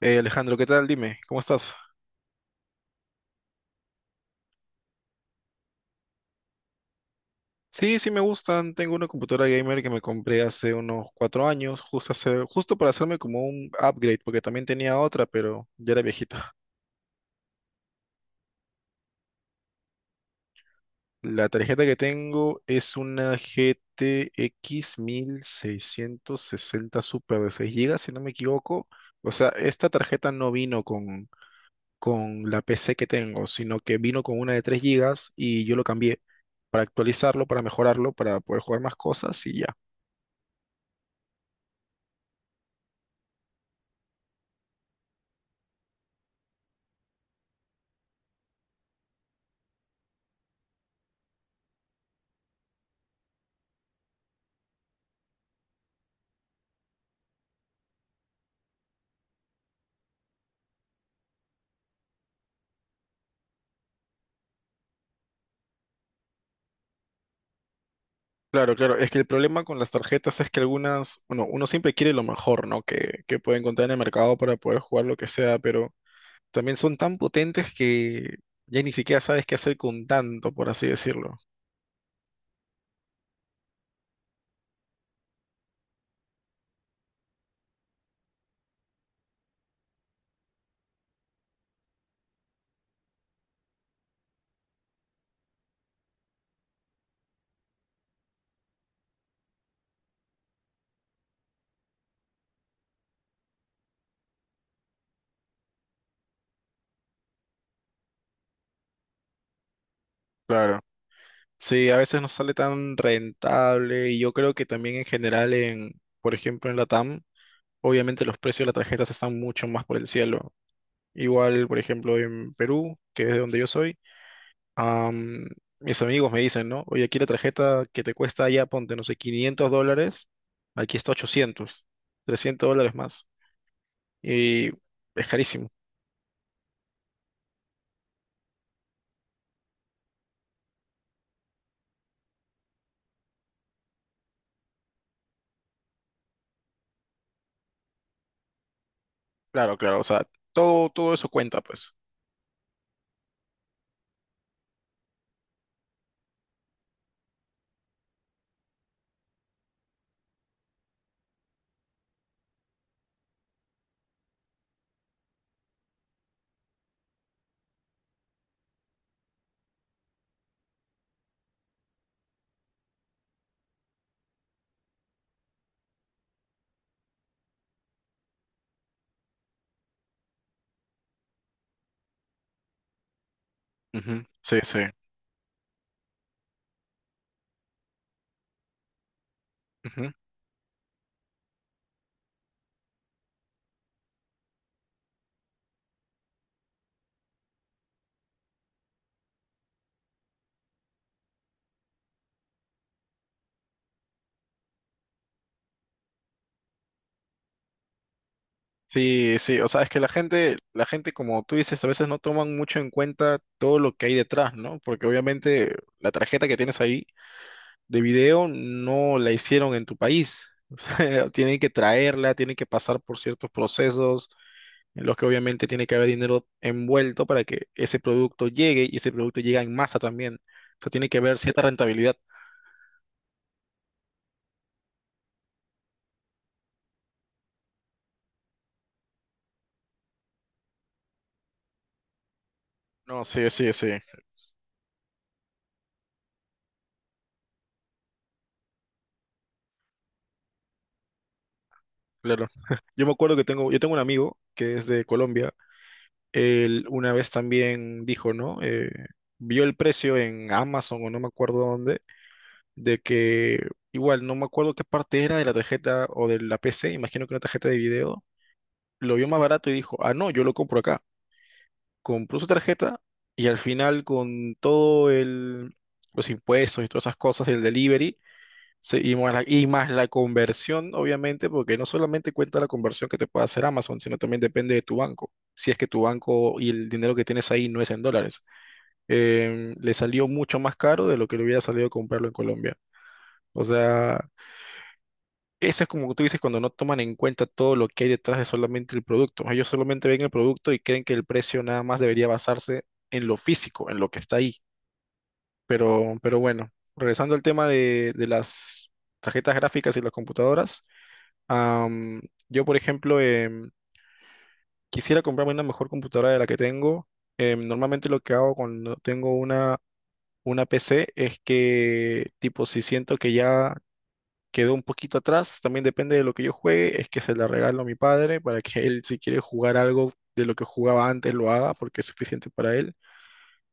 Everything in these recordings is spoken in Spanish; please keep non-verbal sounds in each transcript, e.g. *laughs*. Alejandro, ¿qué tal? Dime, ¿cómo estás? Sí, sí me gustan. Tengo una computadora gamer que me compré hace unos cuatro años, justo, justo para hacerme como un upgrade, porque también tenía otra, pero ya era viejita. La tarjeta que tengo es una GTX sesenta Super de 6 gigas, si no me equivoco. O sea, esta tarjeta no vino con la PC que tengo, sino que vino con una de 3 gigas y yo lo cambié para actualizarlo, para mejorarlo, para poder jugar más cosas y ya. Claro, claro. Es que el problema con las tarjetas es que algunas, bueno, uno siempre quiere lo mejor, ¿no? Que puede encontrar en el mercado para poder jugar lo que sea, pero también son tan potentes que ya ni siquiera sabes qué hacer con tanto, por así decirlo. Claro. Sí, a veces no sale tan rentable y yo creo que también en general por ejemplo, en Latam, obviamente los precios de las tarjetas están mucho más por el cielo. Igual, por ejemplo, en Perú, que es de donde yo soy. Am, mis amigos me dicen, ¿no? Oye, aquí la tarjeta que te cuesta allá, ponte, no sé, 500 dólares, aquí está 800 300 dólares más. Y es carísimo. Claro, claro, o sea, todo eso cuenta, pues. Ujú. Sí, sí. Ujú. Sí, sí, o sea, es que la gente, como tú dices, a veces no toman mucho en cuenta todo lo que hay detrás, ¿no? Porque obviamente la tarjeta que tienes ahí de video no la hicieron en tu país. *laughs* O sea, tienen que traerla, tienen que pasar por ciertos procesos en los que obviamente tiene que haber dinero envuelto para que ese producto llegue y ese producto llega en masa también. O sea, tiene que haber cierta rentabilidad. No, sí, sí, sí, claro. *laughs* Yo me acuerdo que tengo, yo tengo un amigo que es de Colombia. Él una vez también dijo, ¿no? Vio el precio en Amazon o no me acuerdo dónde, de que igual no me acuerdo qué parte era de la tarjeta o de la PC, imagino que una tarjeta de video. Lo vio más barato y dijo, ah, no, yo lo compro acá. Compró su tarjeta y al final con los impuestos y todas esas cosas, el delivery más y más la conversión, obviamente, porque no solamente cuenta la conversión que te puede hacer Amazon, sino también depende de tu banco. Si es que tu banco y el dinero que tienes ahí no es en dólares, le salió mucho más caro de lo que le hubiera salido comprarlo en Colombia. O sea, eso es como tú dices cuando no toman en cuenta todo lo que hay detrás de solamente el producto. Ellos solamente ven el producto y creen que el precio nada más debería basarse en lo físico, en lo que está ahí. Pero bueno, regresando al tema de las tarjetas gráficas y las computadoras, am, yo por ejemplo quisiera comprarme una mejor computadora de la que tengo. Normalmente lo que hago cuando tengo una PC es que tipo si siento que ya quedó un poquito atrás, también depende de lo que yo juegue, es que se la regalo a mi padre para que él si quiere jugar algo de lo que jugaba antes lo haga porque es suficiente para él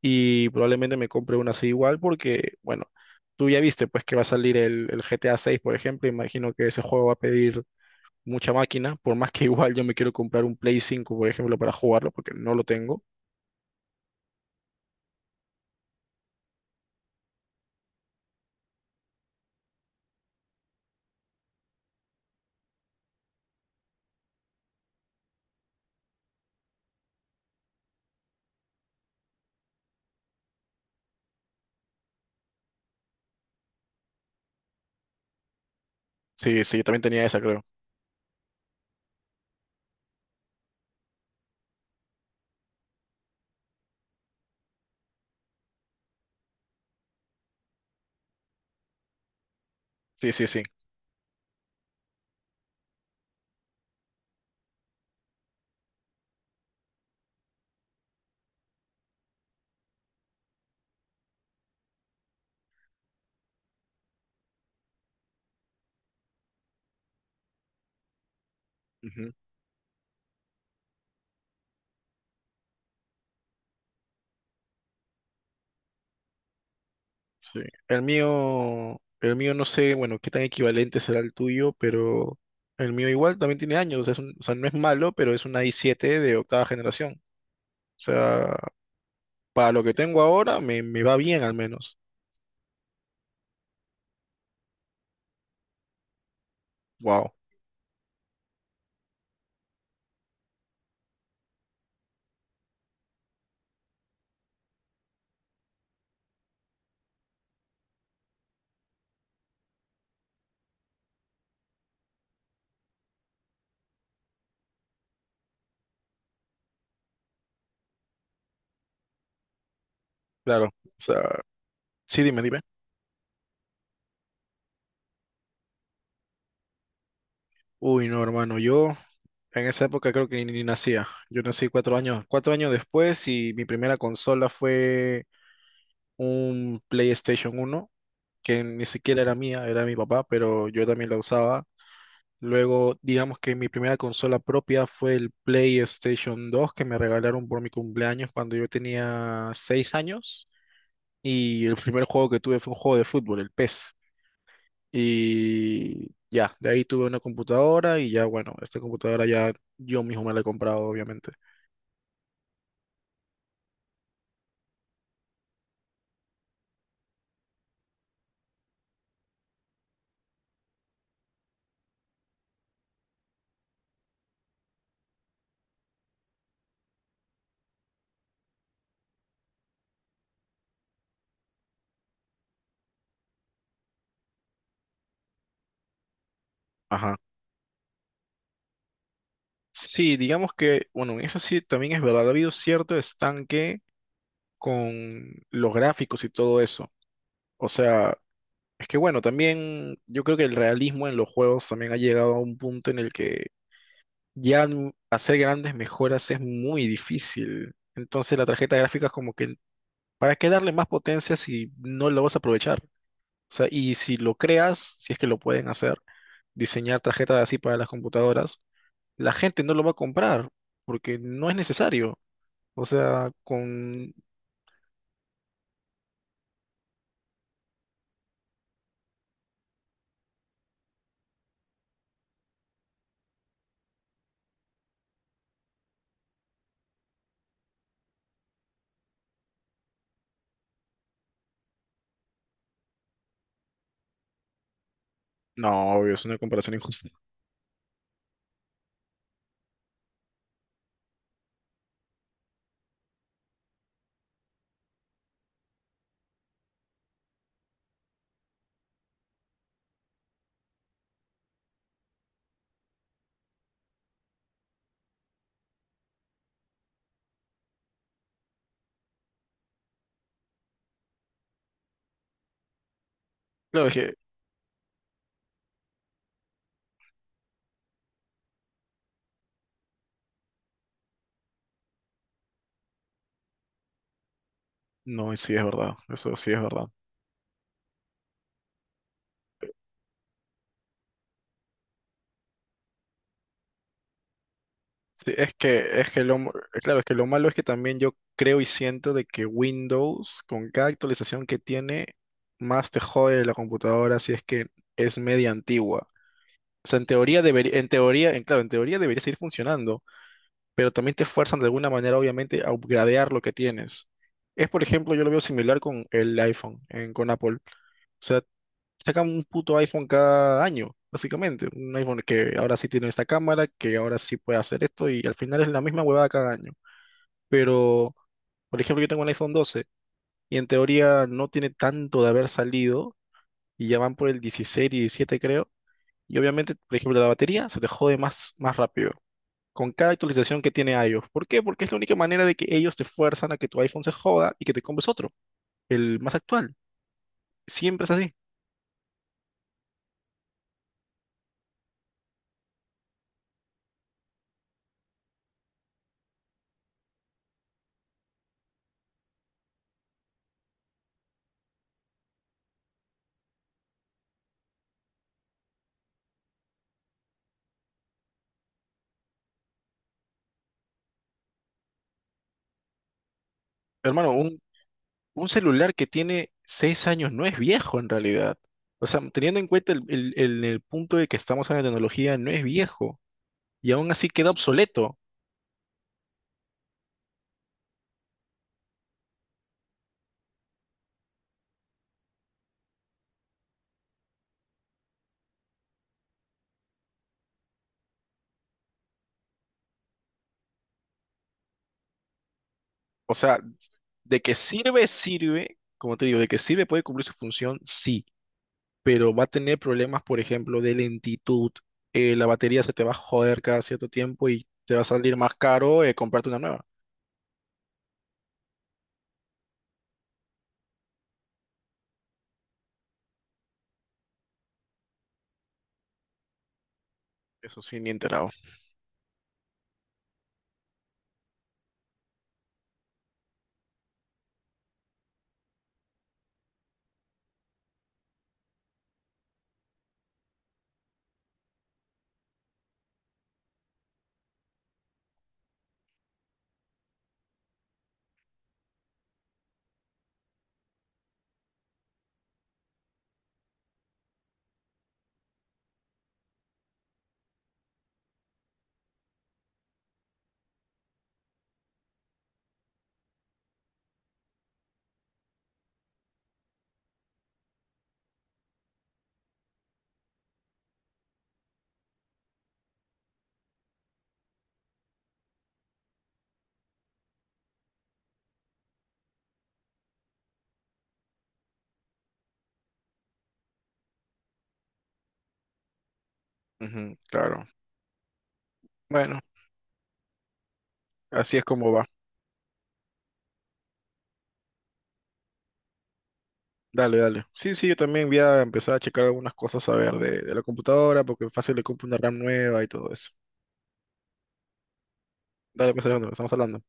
y probablemente me compre una así igual porque, bueno, tú ya viste pues que va a salir el GTA 6, por ejemplo, imagino que ese juego va a pedir mucha máquina, por más que *laughs* igual yo me quiero comprar un Play cinco por ejemplo, para jugarlo porque no lo tengo. Sí, sí, yo también tenía esa, creo. Sí, sí, sí. Sí. El mío no sé, bueno, qué tan equivalente será el tuyo, pero el mío igual también tiene años, o sea, o sea, no es malo, pero es una i7 de octava generación. O sea, para lo que tengo ahora me, me va bien al menos. Wow, claro. O sea, sí, dime, dime. Uy, no, hermano, yo en esa época creo que ni, ni nacía. Yo nací cuatro años después y mi primera consola fue un PlayStation uno que ni siquiera era mía, era de mi papá, pero yo también la usaba. Luego, digamos que mi primera consola propia fue el PlayStation 2 que me regalaron por mi cumpleaños cuando yo tenía 6 años. Y el primer juego que tuve fue un juego de fútbol, el PES. Y ya, de ahí tuve una computadora y ya, bueno, esta computadora ya yo mismo me la he comprado, obviamente. Ajá. Sí, digamos que, bueno, eso sí también es verdad, ha habido cierto estanque con los gráficos y todo eso. O sea, es que bueno, también yo creo que el realismo en los juegos también ha llegado a un punto en el que hacer grandes mejoras es muy difícil. Entonces la tarjeta gráfica es como que, ¿para qué darle más potencia si no lo vas a aprovechar? O sea, y si lo creas, si es que lo pueden hacer, diseñar tarjetas así para las computadoras, la gente no lo va a comprar porque no es necesario. O sea, con... No, obvio, es una comparación injusta. *laughs* Claro es que... No, sí es verdad, eso sí es verdad. Sí, es que claro, es que lo malo es que también yo creo y siento de que Windows, con cada actualización que tiene, más te jode la computadora si es que es media antigua. O sea, en teoría, en, claro, en teoría debería seguir funcionando, pero también te fuerzan de alguna manera, obviamente, a upgradear lo que tienes. Es, por ejemplo, yo lo veo similar con el iPhone, con Apple. O sea, sacan un puto iPhone cada año, básicamente. Un iPhone que ahora sí tiene esta cámara, que ahora sí puede hacer esto, y al final es la misma huevada cada año, pero por ejemplo yo tengo un iPhone 12 y en teoría no tiene tanto de haber salido y ya van por el 16 y 17 creo, y obviamente por ejemplo la batería se te jode más, más rápido con cada actualización que tiene iOS. ¿Por qué? Porque es la única manera de que ellos te fuerzan a que tu iPhone se joda y que te compres otro, el más actual. Siempre es así. Hermano, un celular que tiene 6 años no es viejo en realidad. O sea, teniendo en cuenta el punto de que estamos en la tecnología, no es viejo y aún así queda obsoleto. O sea, de que sirve, sirve, como te digo, de que sirve puede cumplir su función, sí, pero va a tener problemas, por ejemplo, de lentitud. La batería se te va a joder cada cierto tiempo y te va a salir más caro comprarte una nueva. Eso sí, ni enterado. Ujú, claro. Bueno, así es como va. Dale, dale. Sí, sí, yo también voy a empezar a checar algunas cosas a ver de la computadora, porque fácil le compro una RAM nueva y todo eso. Dale, pues, Alejandro, estamos hablando.